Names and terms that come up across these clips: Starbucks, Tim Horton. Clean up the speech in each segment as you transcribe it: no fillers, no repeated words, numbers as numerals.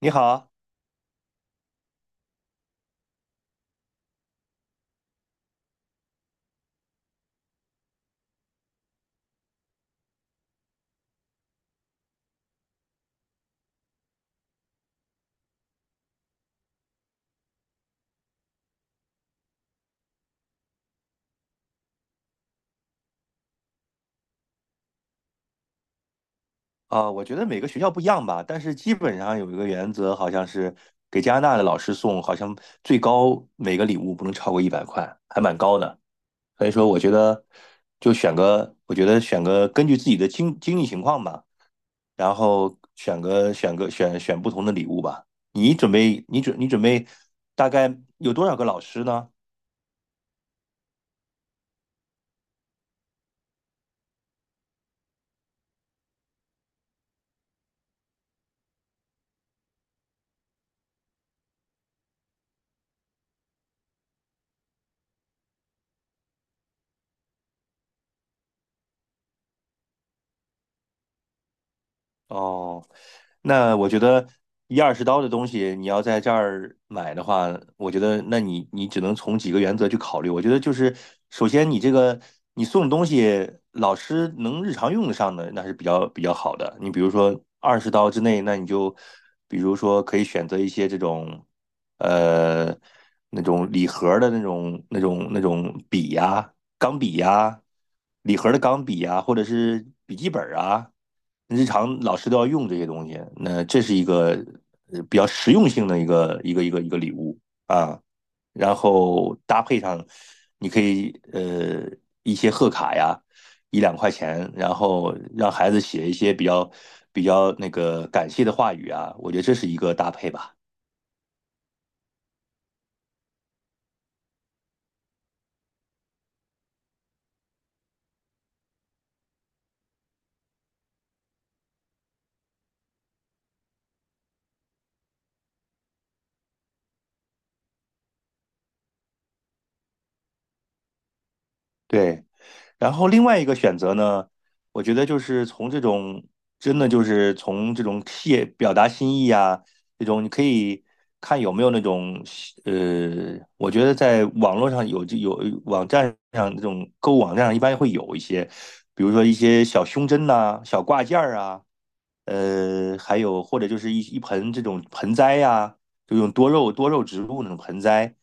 你好，啊，我觉得每个学校不一样吧，但是基本上有一个原则，好像是给加拿大的老师送，好像最高每个礼物不能超过一百块，还蛮高的。所以说，我觉得就选个，我觉得选个根据自己的经济情况吧，然后选个选个选选不同的礼物吧。你准备大概有多少个老师呢？哦，那我觉得一二十刀的东西，你要在这儿买的话，我觉得那你只能从几个原则去考虑。我觉得就是，首先你这个你送的东西，老师能日常用得上的，那是比较好的。你比如说二十刀之内，那你就比如说可以选择一些这种呃那种礼盒的那种笔呀、钢笔呀、礼盒的钢笔呀，或者是笔记本啊。日常老师都要用这些东西，那这是一个比较实用性的一个礼物啊。然后搭配上，你可以一些贺卡呀，一两块钱，然后让孩子写一些比较那个感谢的话语啊，我觉得这是一个搭配吧。对，然后另外一个选择呢，我觉得就是从这种真的就是从这种表达心意啊，这种你可以看有没有那种我觉得在网络上有网站上这种购物网站上一般会有一些，比如说一些小胸针呐、小挂件儿啊，还有或者就是一盆这种盆栽呀、就用多肉植物那种盆栽。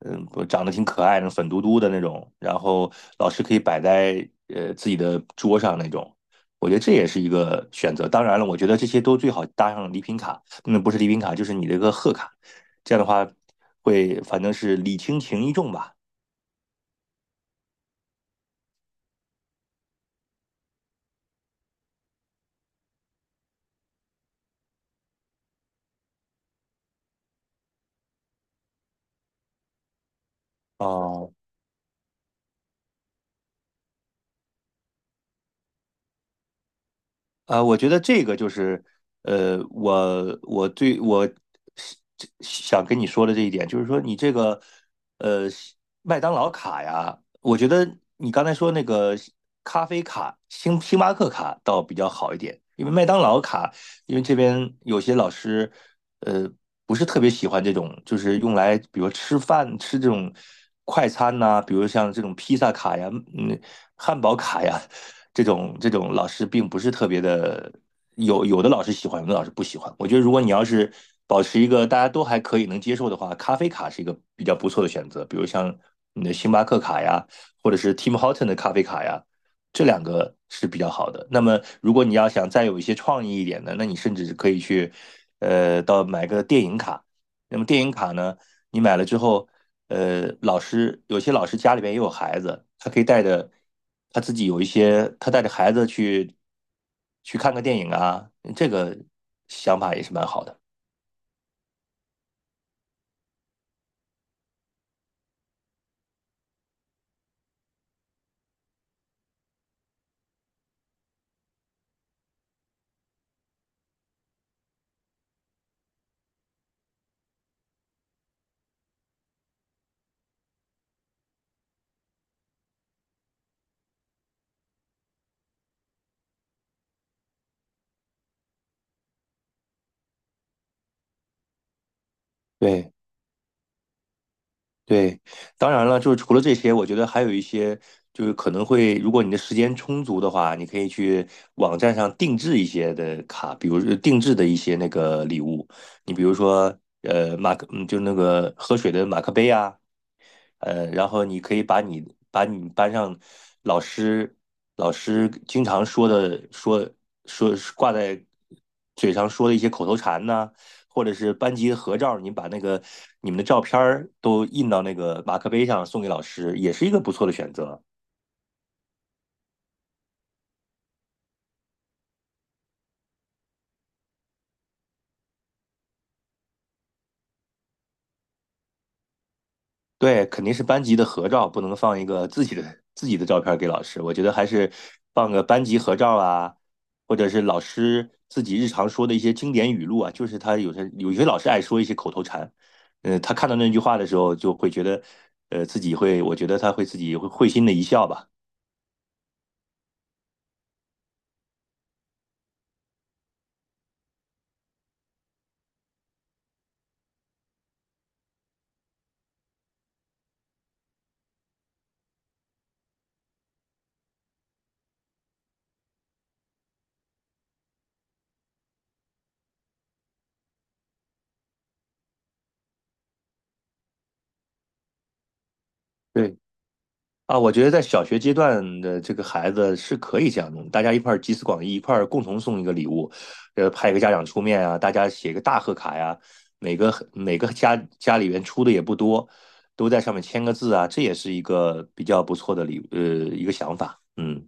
长得挺可爱的，粉嘟嘟的那种，然后老师可以摆在自己的桌上那种，我觉得这也是一个选择。当然了，我觉得这些都最好搭上礼品卡，那不是礼品卡，就是你这个贺卡，这样的话会反正是礼轻情意重吧。哦，我觉得这个就是，我是这想跟你说的这一点，就是说你这个，呃，麦当劳卡呀，我觉得你刚才说那个咖啡卡、星巴克卡倒比较好一点，因为麦当劳卡，因为这边有些老师，呃，不是特别喜欢这种，就是用来比如吃饭吃这种快餐呐、比如像这种披萨卡呀，嗯，汉堡卡呀。这种老师并不是特别的，有的老师喜欢，有的老师不喜欢。我觉得如果你要是保持一个大家都还可以能接受的话，咖啡卡是一个比较不错的选择，比如像你的星巴克卡呀，或者是 Tim Horton 的咖啡卡呀，这两个是比较好的。那么如果你要想再有一些创意一点的，那你甚至可以去买个电影卡。那么电影卡呢？你买了之后，有些老师家里边也有孩子，他可以带着他自己有一些，他带着孩子去看个电影啊，这个想法也是蛮好的。对对，当然了，就是除了这些，我觉得还有一些，就是可能会，如果你的时间充足的话，你可以去网站上定制一些的卡，比如说定制的一些那个礼物，你比如说，马克，就那个喝水的马克杯啊，然后你可以把你班上老师老师经常说的说挂在嘴上说的一些口头禅呐、或者是班级合照，你把那个你们的照片儿都印到那个马克杯上送给老师，也是一个不错的选择。对，肯定是班级的合照，不能放一个自己的照片给老师。我觉得还是放个班级合照啊，或者是老师自己日常说的一些经典语录啊。就是他有些老师爱说一些口头禅，他看到那句话的时候，就会觉得，自己会，我觉得他会自己会心的一笑吧。对。啊，我觉得在小学阶段的这个孩子是可以这样弄，大家一块儿集思广益，一块儿共同送一个礼物，派一个家长出面啊，大家写个大贺卡呀，每个家里边出的也不多，都在上面签个字啊，这也是一个比较不错的一个想法。嗯，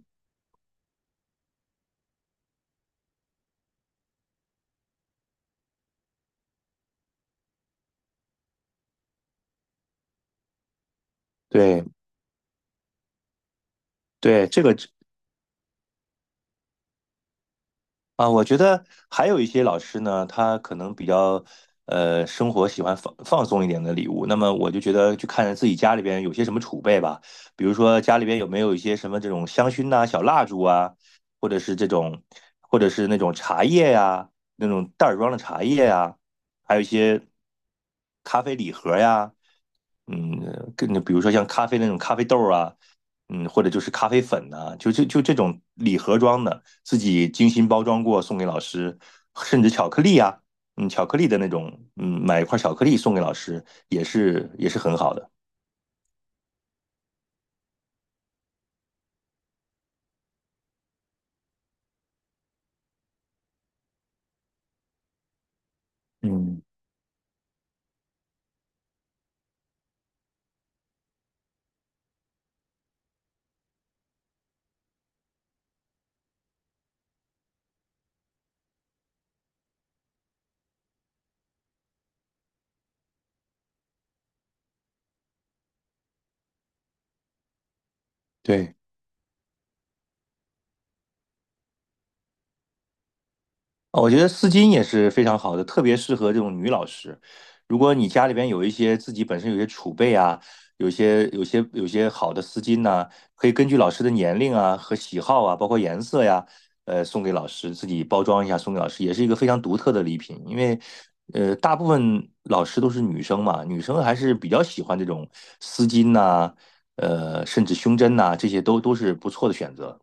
对对，这个啊，我觉得还有一些老师呢，他可能比较生活喜欢放松一点的礼物。那么我就觉得去看自己家里边有些什么储备吧，比如说家里边有没有一些什么这种香薰呐、小蜡烛啊，或者是这种，或者是那种茶叶呀、那种袋儿装的茶叶呀、还有一些咖啡礼盒呀、跟比如说像咖啡那种咖啡豆啊，或者就是咖啡粉呐、就这种礼盒装的，自己精心包装过送给老师，甚至巧克力啊，巧克力的那种，买一块巧克力送给老师也是很好的。嗯，对，我觉得丝巾也是非常好的，特别适合这种女老师。如果你家里边有一些自己本身有些储备啊，有些好的丝巾呐、可以根据老师的年龄啊和喜好啊，包括颜色呀，送给老师自己包装一下送给老师，也是一个非常独特的礼品。因为大部分老师都是女生嘛，女生还是比较喜欢这种丝巾呐、甚至胸针呐、这些都是不错的选择。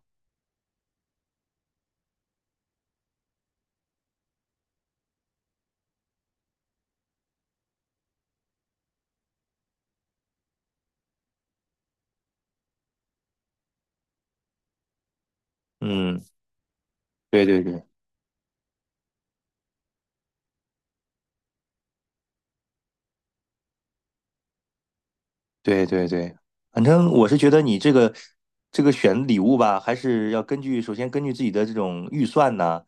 嗯，对对对。对对对，反正我是觉得你这个选礼物吧，还是要根据首先根据自己的这种预算呐、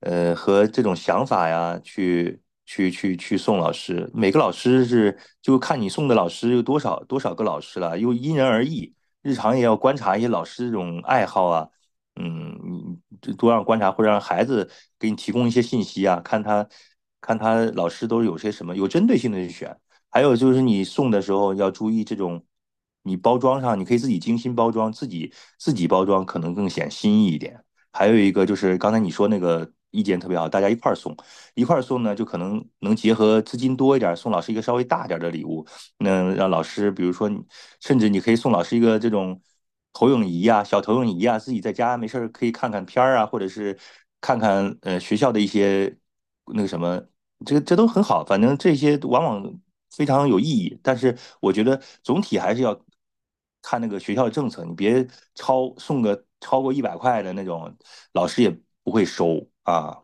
和这种想法呀，去送老师。每个老师是就看你送的老师有多少个老师了，又因人而异。日常也要观察一些老师这种爱好啊，你这多让观察或者让孩子给你提供一些信息啊，看他老师都有些什么，有针对性的去选。还有就是你送的时候要注意这种，你包装上你可以自己精心包装，自己包装可能更显心意一点。还有一个就是刚才你说那个意见特别好，大家一块儿送，一块儿送呢，就可能能结合资金多一点送老师一个稍微大点的礼物，那让老师，比如说甚至你可以送老师一个这种投影仪啊，小投影仪啊，自己在家没事儿可以看看片儿啊，或者是看看学校的一些那个什么，这都很好，反正这些往往非常有意义。但是我觉得总体还是要看那个学校的政策，你别送个超过一百块的那种，老师也不会收啊。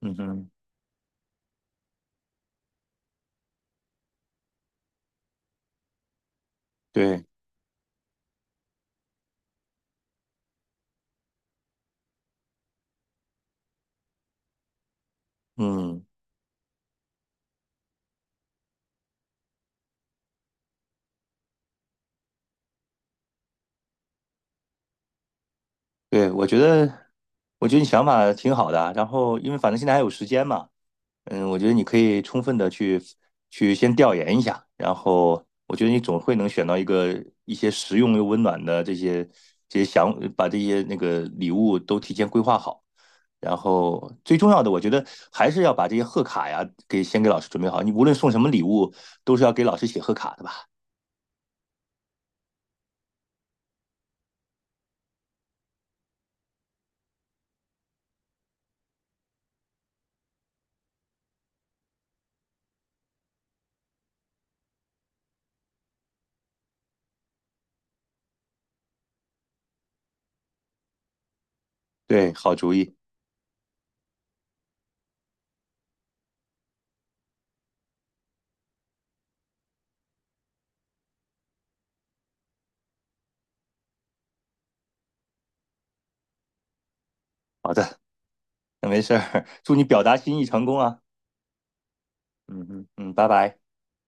嗯哼，对嗯，对，我觉得你想法挺好的啊然后因为反正现在还有时间嘛，我觉得你可以充分的去先调研一下，然后我觉得你总会能选到一个一些实用又温暖的这些想把这些那个礼物都提前规划好，然后最重要的，我觉得还是要把这些贺卡呀给先给老师准备好，你无论送什么礼物，都是要给老师写贺卡的吧？对，好主意，好的，那没事儿，祝你表达心意成功啊，嗯嗯嗯，拜拜。